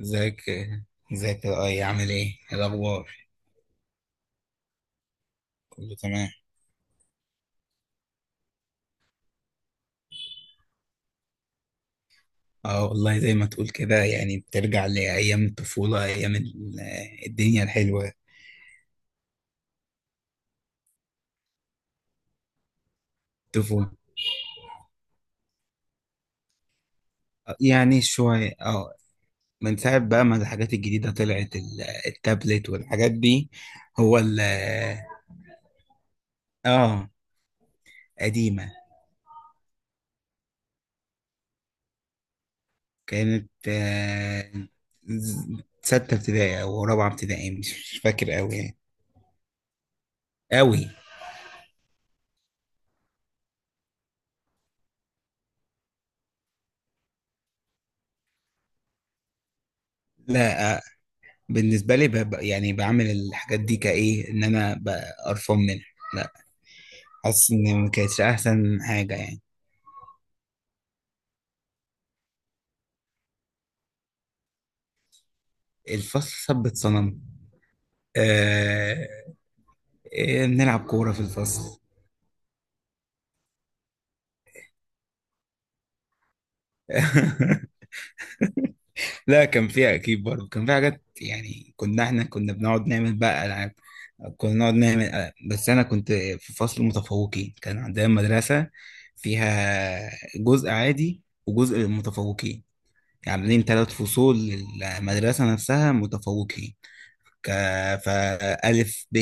ازيك. ازيك، يا اي عامل ايه؟ إيه الاخبار؟ كله تمام. اه، والله زي ما تقول كده، يعني بترجع لايام الطفوله، ايام الدنيا الحلوه. الطفوله. يعني شويه، اه. من ساعه بقى ما الحاجات الجديده طلعت، التابلت والحاجات دي. هو ال اه، قديمه. كانت، ز- سته ابتدائي او رابعه ابتدائي، مش فاكر قوي يعني. قوي. لا، بالنسبة لي يعني بعمل الحاجات دي كإيه إن أنا قرفان منها. لا، حاسس إن ما كانتش أحسن حاجة يعني. الفصل ثبت صنم. آه... بنلعب كورة في الفصل. لا، كان فيها أكيد برضه، كان فيها حاجات يعني. إحنا كنا بنقعد نعمل بقى ألعاب. كنا نقعد نعمل، بس أنا كنت في فصل متفوقين. كان عندنا مدرسة فيها جزء عادي وجزء متفوقين، عاملين 3 فصول للمدرسة نفسها متفوقين. ك... فألف، ب،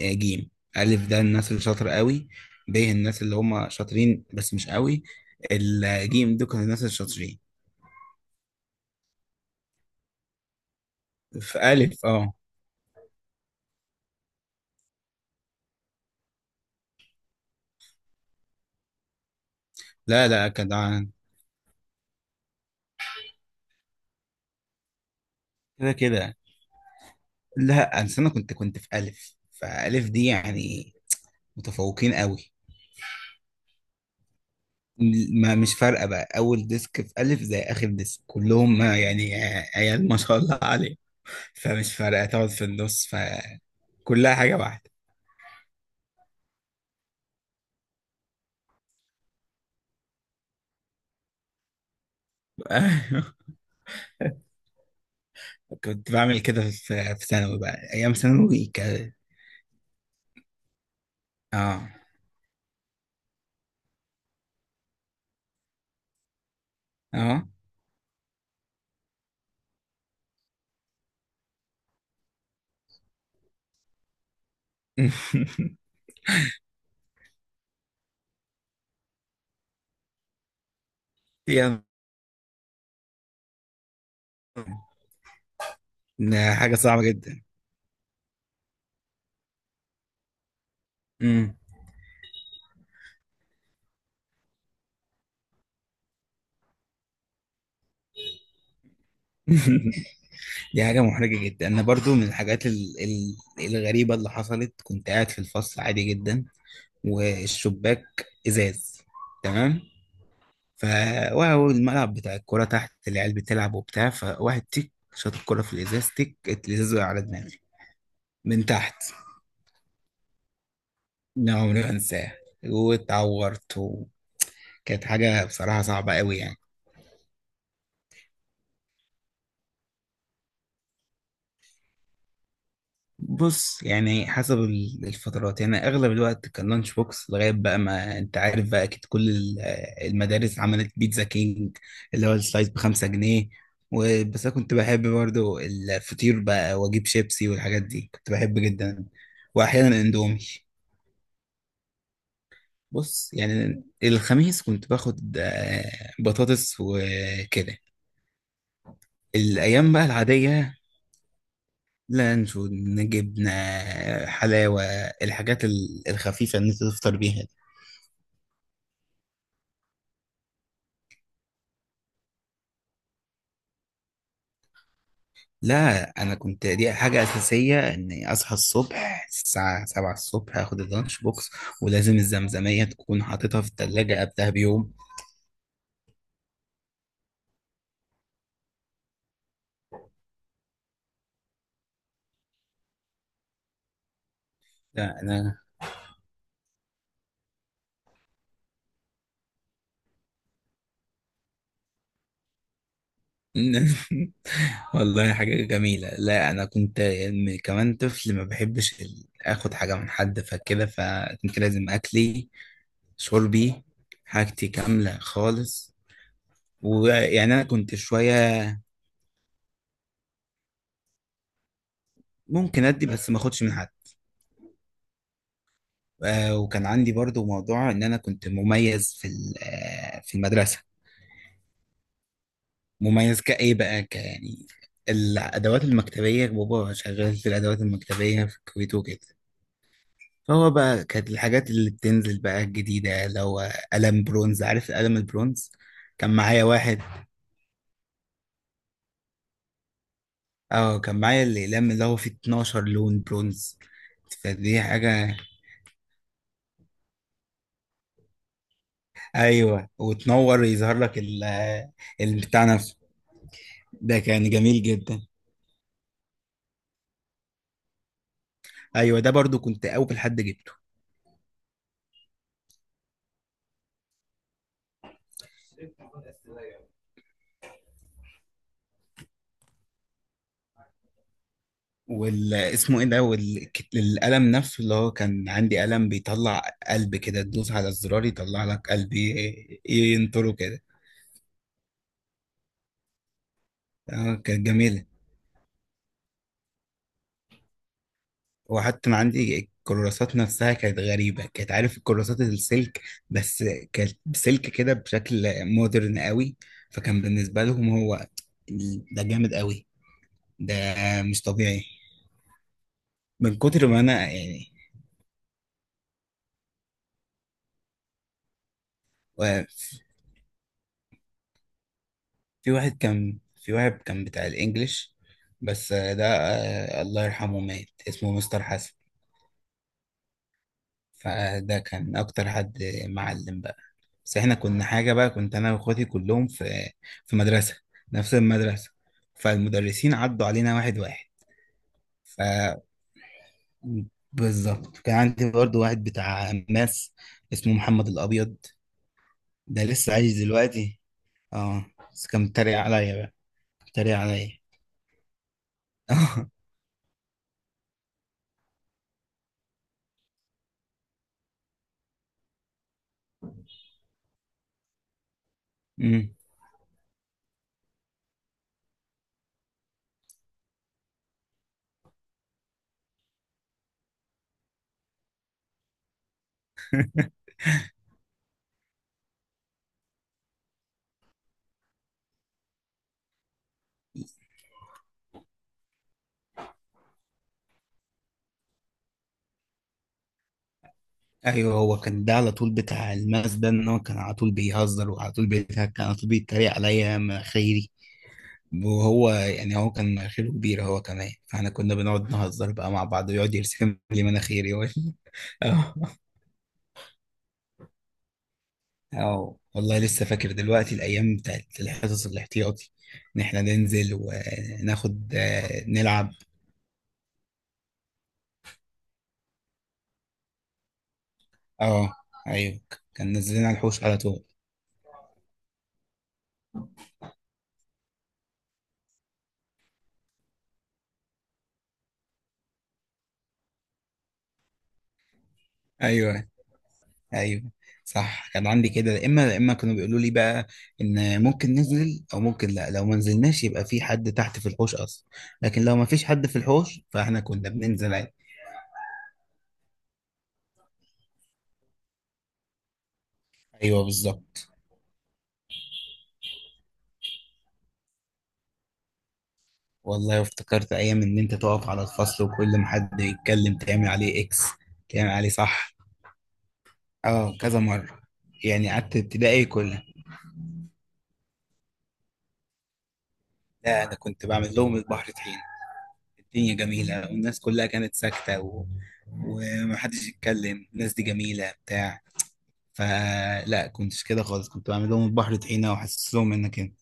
ج. ألف ده الناس اللي شاطر قوي، ب الناس اللي هم شاطرين بس مش قوي، الجيم دول كانوا الناس الشاطرين. في ألف، اه. لا لا، كان كده كده. لا، أصل أنا كنت في ألف، فألف دي يعني متفوقين قوي. ما مش فارقة بقى، أول ديسك في ألف زي آخر ديسك، كلهم يعني عيال ما شاء الله. فمش فارقة تقعد في النص، فكلها حاجة واحدة. ايوه، كنت بعمل كده في ثانوي بقى، أيام ثانوي. اه. اه. يا ده حاجة صعبة جدا. أمم. دي حاجة محرجة جدا. أنا برضو من الحاجات الغريبة اللي حصلت، كنت قاعد في الفصل عادي جدا، والشباك إزاز، تمام. ف وهو الملعب بتاع الكورة تحت، العيال بتلعب وبتاع، فواحد تيك شاط الكورة في الإزاز، تيك، الإزاز وقع على دماغي. من تحت. لا، عمري ما انساها. واتعورت، وكانت حاجة بصراحة صعبة قوي يعني. بص، يعني حسب الفترات، يعني اغلب الوقت كان لانش بوكس، لغاية بقى ما انت عارف بقى، اكيد كل المدارس عملت بيتزا كينج، اللي هو السلايس ب5 جنيه. بس انا كنت بحب برضو الفطير بقى، واجيب شيبسي والحاجات دي، كنت بحب جدا. واحيانا اندومي. بص، يعني الخميس كنت باخد، بطاطس وكده. الايام بقى العاديه: لانشو، جبنة، حلاوة، الحاجات الخفيفة اللي انت تفطر بيها دي. لا، انا كنت دي حاجة اساسية، اني اصحى الصبح الساعة 7 الصبح، اخد اللانش بوكس، ولازم الزمزمية تكون حاططها في التلاجة قبلها بيوم. لا انا. والله حاجة جميلة. لا، أنا كنت، كمان طفل، ما بحبش آخد حاجة من حد، فكده فكنت لازم أكلي، شربي، حاجتي كاملة خالص. ويعني انا كنت شويه ممكن ادي، بس ما اخدش من حد. وكان عندي برضو موضوع ان انا كنت مميز في في المدرسه. مميز كايه بقى، يعني الادوات المكتبيه، بابا شغال في الادوات المكتبيه في الكويت وكده. فهو بقى كانت الحاجات اللي بتنزل بقى الجديده، لو قلم برونز، عارف القلم البرونز؟ كان معايا واحد. اه، كان معايا الاقلام اللي هو فيه 12 لون برونز، فدي حاجه. ايوه، وتنور يظهر لك البتاع نفسه. ده كان جميل جدا. ايوه، ده برضو كنت اول حد جبته. وال اسمه ايه ده والك- القلم نفسه اللي هو كان عندي، قلم بيطلع قلب كده، تدوس على الزرار يطلع لك قلب، ينطره كده. اه، كانت جميلة. وحتى ما عندي الكراسات نفسها كانت غريبة، كانت عارف الكراسات السلك، بس كانت سلك كده بشكل مودرن قوي. فكان بالنسبة لهم هو ده جامد قوي. ده مش طبيعي، من كتر ما انا يعني. و- في واحد كان بتاع الانجليش، بس ده، الله يرحمه، مات. اسمه مستر حسن. فده كان اكتر حد معلم بقى. بس احنا كنا حاجة بقى، كنت انا واخواتي كلهم في، في مدرسة، نفس المدرسة، فالمدرسين عدوا علينا واحد واحد. ف بالظبط، كان عندي برضو واحد بتاع ماس، اسمه محمد الابيض. ده لسه عايش دلوقتي، اه. بس كان بيتريق عليا بقى، بيتريق عليا. امم. ايوه، هو كان ده على طول بتاع الماس ده، ان هو كان على طول بيهزر وعلى طول بيضحك، كان على طول بيتريق عليا مناخيري. وهو يعني هو كان مناخيره كبيرة هو كمان، فاحنا كنا بنقعد نهزر بقى مع بعض، ويقعد يرسم لي مناخيري اه. آه. والله لسه فاكر دلوقتي الايام بتاعت الحصص الاحتياطي، ان احنا ننزل وناخد، نلعب. اه، ايوه. كان نزلنا على الحوش على طول. ايوه. ايوه، صح. كان عندي كده، يا اما يا اما كانوا بيقولوا لي بقى ان ممكن ننزل او ممكن لا، لو ما نزلناش يبقى في حد تحت في الحوش اصلا. لكن لو ما فيش حد في الحوش، فاحنا كنا بننزل عادي. ايوه بالظبط. والله افتكرت ايام ان انت تقف على الفصل، وكل ما حد يتكلم تعمل عليه اكس. تعمل عليه، صح. اه، كذا مره. يعني قعدت ابتدائي كلها. لا، انا كنت بعمل لهم البحر طحين، الدنيا جميله والناس كلها كانت ساكته و... ومحدش يتكلم، الناس دي جميله بتاع. فلا كنتش كده خالص، كنت بعمل لهم البحر طحينه، واحسس لهم انك انت،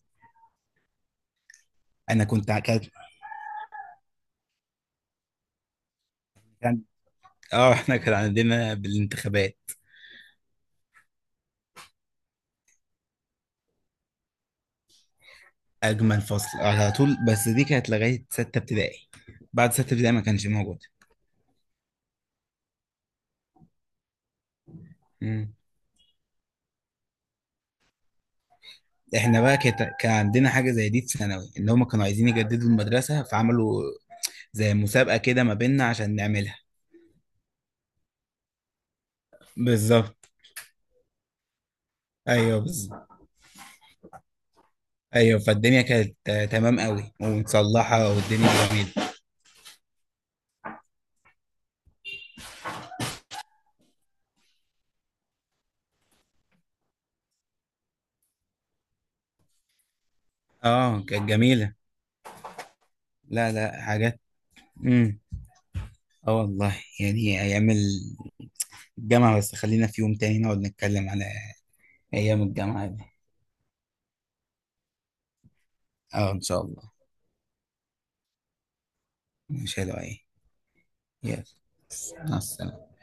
انا كانت. كان اه. احنا كان عندنا بالانتخابات، اجمل فصل على طول، بس دي كانت لغايه سته ابتدائي. بعد سته ابتدائي ما كانش موجود. مم. احنا بقى كان عندنا حاجه زي دي في ثانوي، ان هم كانوا عايزين يجددوا المدرسه، فعملوا زي مسابقه كده ما بيننا عشان نعملها. بالظبط. ايوه بالظبط. ايوه، فالدنيا كانت، تمام قوي ومتصلحه والدنيا جميله. اه، كانت جميله. لا لا، حاجات. امم. اه، والله يعني ايام الجامعه، بس خلينا في يوم تاني نقعد نتكلم على ايام الجامعه دي. اه ان شاء الله. مش حلوه، ايه. يلا مع السلامه.